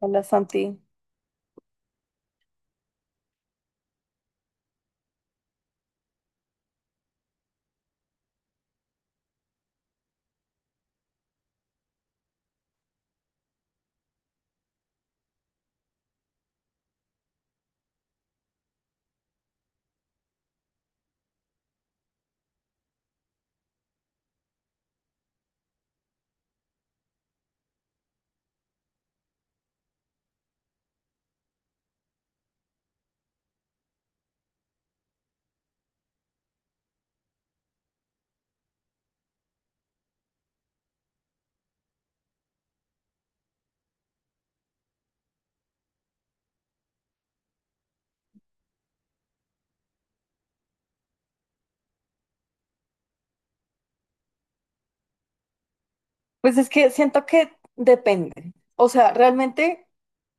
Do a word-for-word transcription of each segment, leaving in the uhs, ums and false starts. Hola Santi. Pues es que siento que depende. O sea, realmente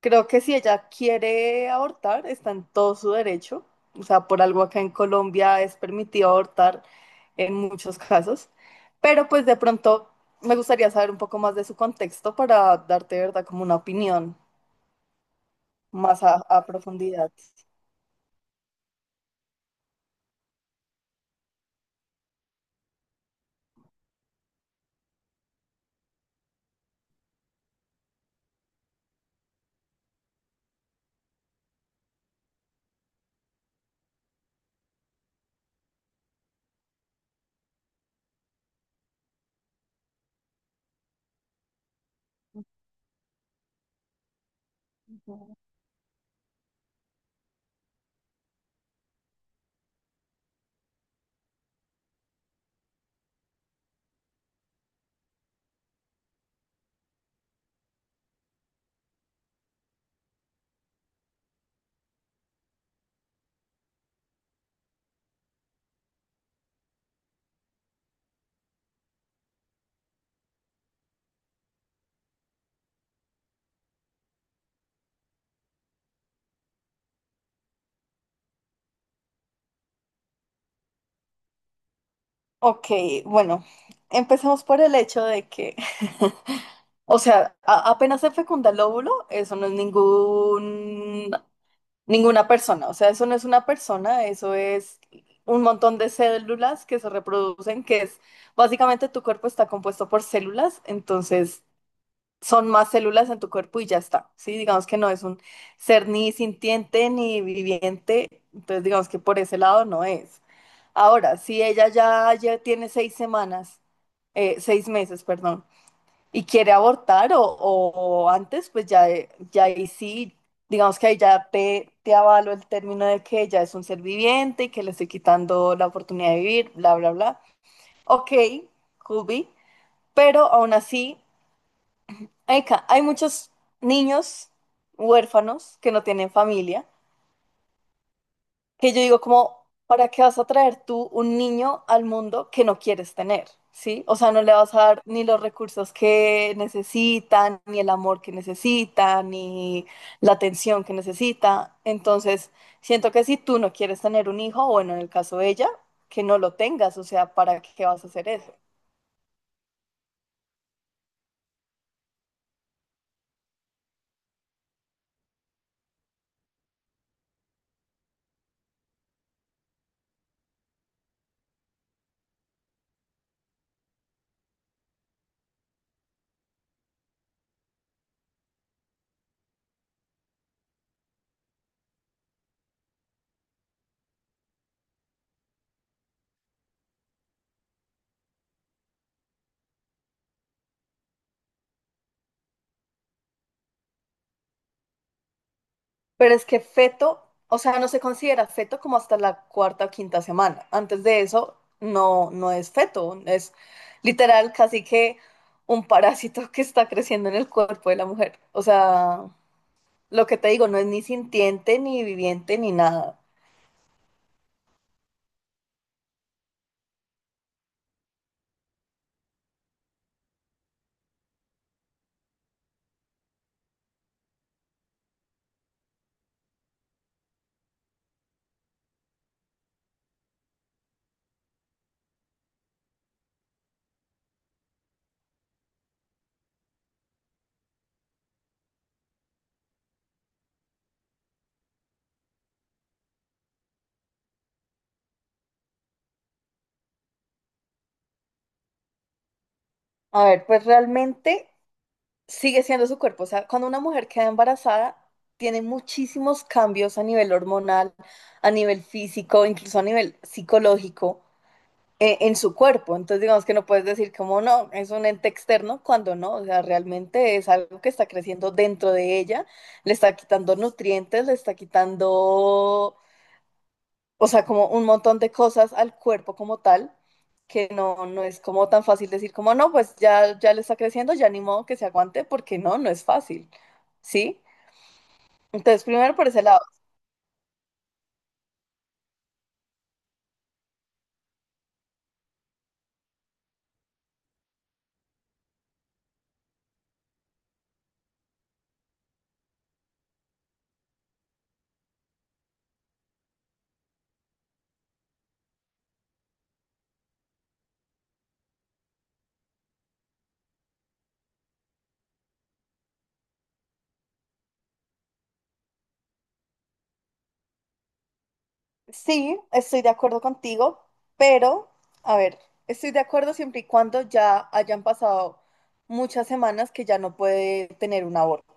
creo que si ella quiere abortar, está en todo su derecho. O sea, por algo acá en Colombia es permitido abortar en muchos casos. Pero pues de pronto me gustaría saber un poco más de su contexto para darte, de ¿verdad?, como una opinión más a, a profundidad. Ok, bueno, empecemos por el hecho de que O sea, a- apenas se fecunda el óvulo, eso no es ningún Ninguna persona. O sea, eso no es una persona, eso es un montón de células que se reproducen, que es básicamente tu cuerpo está compuesto por células, entonces son más células en tu cuerpo y ya está, ¿sí? Digamos que no es un ser ni sintiente ni viviente, entonces digamos que por ese lado no es. Ahora, si ella ya, ya, tiene seis semanas, eh, seis meses, perdón, y quiere abortar o, o antes, pues ya, ya, ahí sí, digamos que ahí ya te, te avalo el término de que ella es un ser viviente y que le estoy quitando la oportunidad de vivir, bla, bla, bla. Ok, could be, pero aún así, hay, ca- hay muchos niños huérfanos que no tienen familia, que yo digo como, ¿para qué vas a traer tú un niño al mundo que no quieres tener? ¿Sí? O sea, no le vas a dar ni los recursos que necesitan, ni el amor que necesita, ni la atención que necesita. Entonces, siento que si tú no quieres tener un hijo, bueno, en el caso de ella, que no lo tengas, o sea, ¿para qué vas a hacer eso? Pero es que feto, o sea, no se considera feto como hasta la cuarta o quinta semana. Antes de eso, no, no es feto, es literal casi que un parásito que está creciendo en el cuerpo de la mujer. O sea, lo que te digo, no es ni sintiente, ni viviente, ni nada. A ver, pues realmente sigue siendo su cuerpo. O sea, cuando una mujer queda embarazada, tiene muchísimos cambios a nivel hormonal, a nivel físico, incluso a nivel psicológico. Eh, en su cuerpo. Entonces, digamos que no puedes decir como no, es un ente externo, cuando no, o sea, realmente es algo que está creciendo dentro de ella, le está quitando nutrientes, le está quitando, o sea, como un montón de cosas al cuerpo como tal, que no, no es como tan fácil decir como no, pues ya, ya le está creciendo, ya ni modo que se aguante, porque no, no es fácil, ¿sí? Entonces, primero por ese lado. Sí, estoy de acuerdo contigo, pero, a ver, estoy de acuerdo siempre y cuando ya hayan pasado muchas semanas que ya no puede tener un aborto,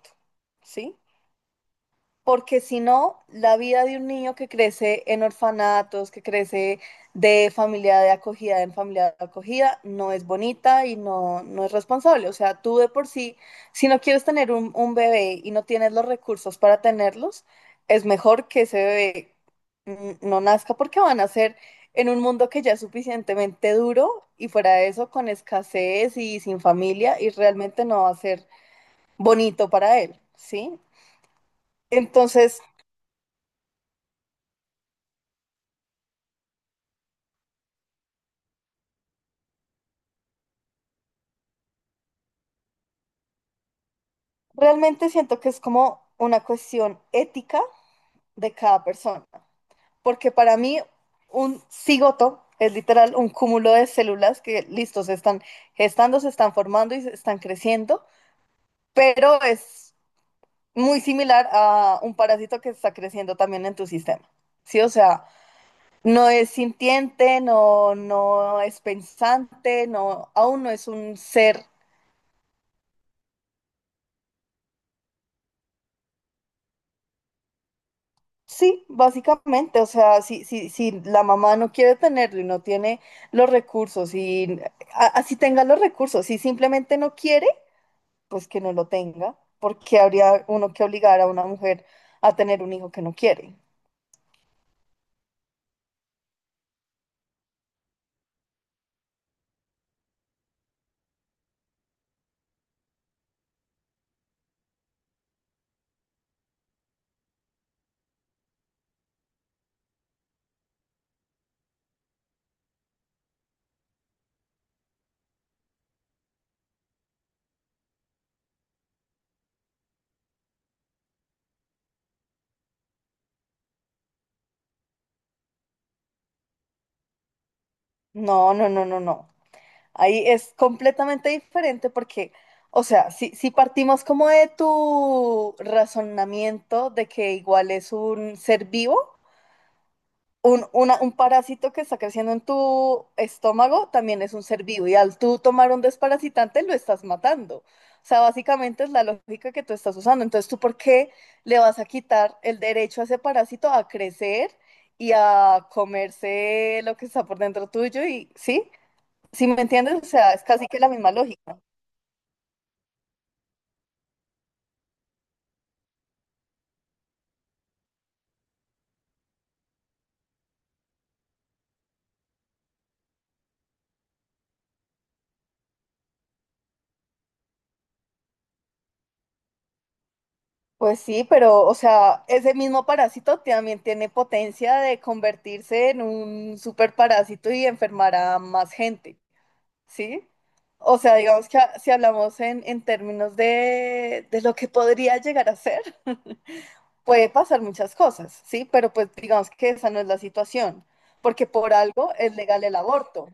¿sí? Porque si no, la vida de un niño que crece en orfanatos, que crece de familia de acogida en familia de acogida, no es bonita y no, no es responsable. O sea, tú de por sí, si no quieres tener un, un bebé y no tienes los recursos para tenerlos, es mejor que ese bebé mm, no nazca, porque van a ser en un mundo que ya es suficientemente duro y fuera de eso con escasez y sin familia y realmente no va a ser bonito para él, ¿sí? Entonces. Realmente siento que es como una cuestión ética de cada persona, porque para mí un cigoto es literal un cúmulo de células que, listo, se están gestando, se están formando y se están creciendo, pero es muy similar a un parásito que está creciendo también en tu sistema. Sí, o sea, no es sintiente, no, no es pensante, no, aún no es un ser. Sí, básicamente, o sea, si, si, si la mamá no quiere tenerlo y no tiene los recursos, y a- así tenga los recursos, si simplemente no quiere, pues que no lo tenga, porque habría uno que obligar a una mujer a tener un hijo que no quiere. No, no, no, no, no. Ahí es completamente diferente porque, o sea, si, si partimos como de tu razonamiento de que igual es un ser vivo, Un, una- un parásito que está creciendo en tu estómago también es un ser vivo y al tú tomar un desparasitante lo estás matando. O sea, básicamente es la lógica que tú estás usando. Entonces, ¿tú por qué le vas a quitar el derecho a ese parásito a crecer y a comerse lo que está por dentro tuyo? Y sí, ¿sí me entiendes? O sea, es casi que la misma lógica. Pues sí, pero, o sea, ese mismo parásito también tiene potencia de convertirse en un superparásito y enfermar a más gente. ¿Sí? O sea, digamos que a- si hablamos en, en términos de, de lo que podría llegar a ser, puede pasar muchas cosas, ¿sí? Pero pues digamos que esa no es la situación, porque por algo es legal el aborto,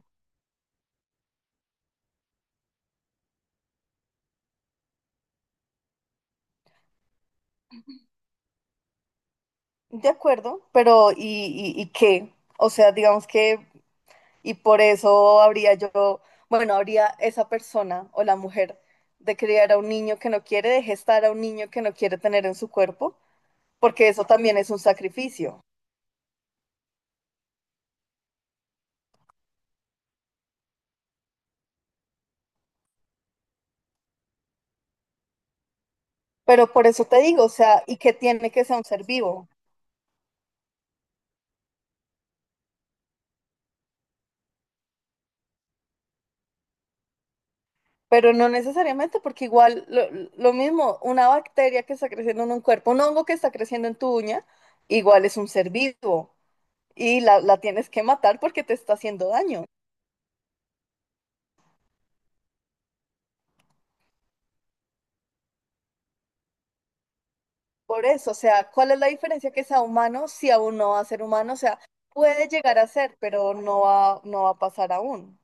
¿de acuerdo? Pero ¿y, y, y qué? O sea, digamos que, y por eso habría yo, bueno, habría esa persona o la mujer de criar a un niño que no quiere, de gestar a un niño que no quiere tener en su cuerpo, porque eso también es un sacrificio. Pero por eso te digo, o sea, y que tiene que ser un ser vivo, pero no necesariamente, porque igual lo, lo, mismo, una bacteria que está creciendo en un cuerpo, un hongo que está creciendo en tu uña, igual es un ser vivo y la, la tienes que matar porque te está haciendo daño. Por eso, o sea, ¿cuál es la diferencia que sea humano si aún no va a ser humano? O sea, puede llegar a ser, pero no va, no va a pasar aún.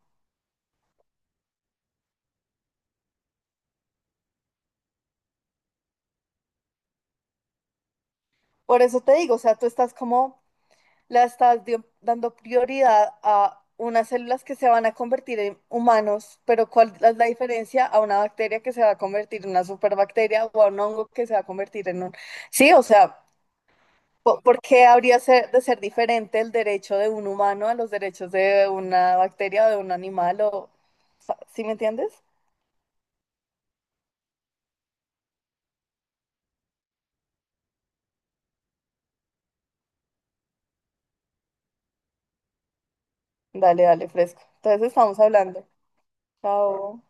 Por eso te digo, o sea, tú estás como la estás dio- dando prioridad a unas células que se van a convertir en humanos, pero ¿cuál es la diferencia a una bacteria que se va a convertir en una superbacteria o a un hongo que se va a convertir en un? Sí, o sea, po- ¿por qué habría ser- de ser diferente el derecho de un humano a los derechos de una bacteria o de un animal? O. ¿Sí me entiendes? Dale, dale, fresco. Entonces estamos hablando. Chao.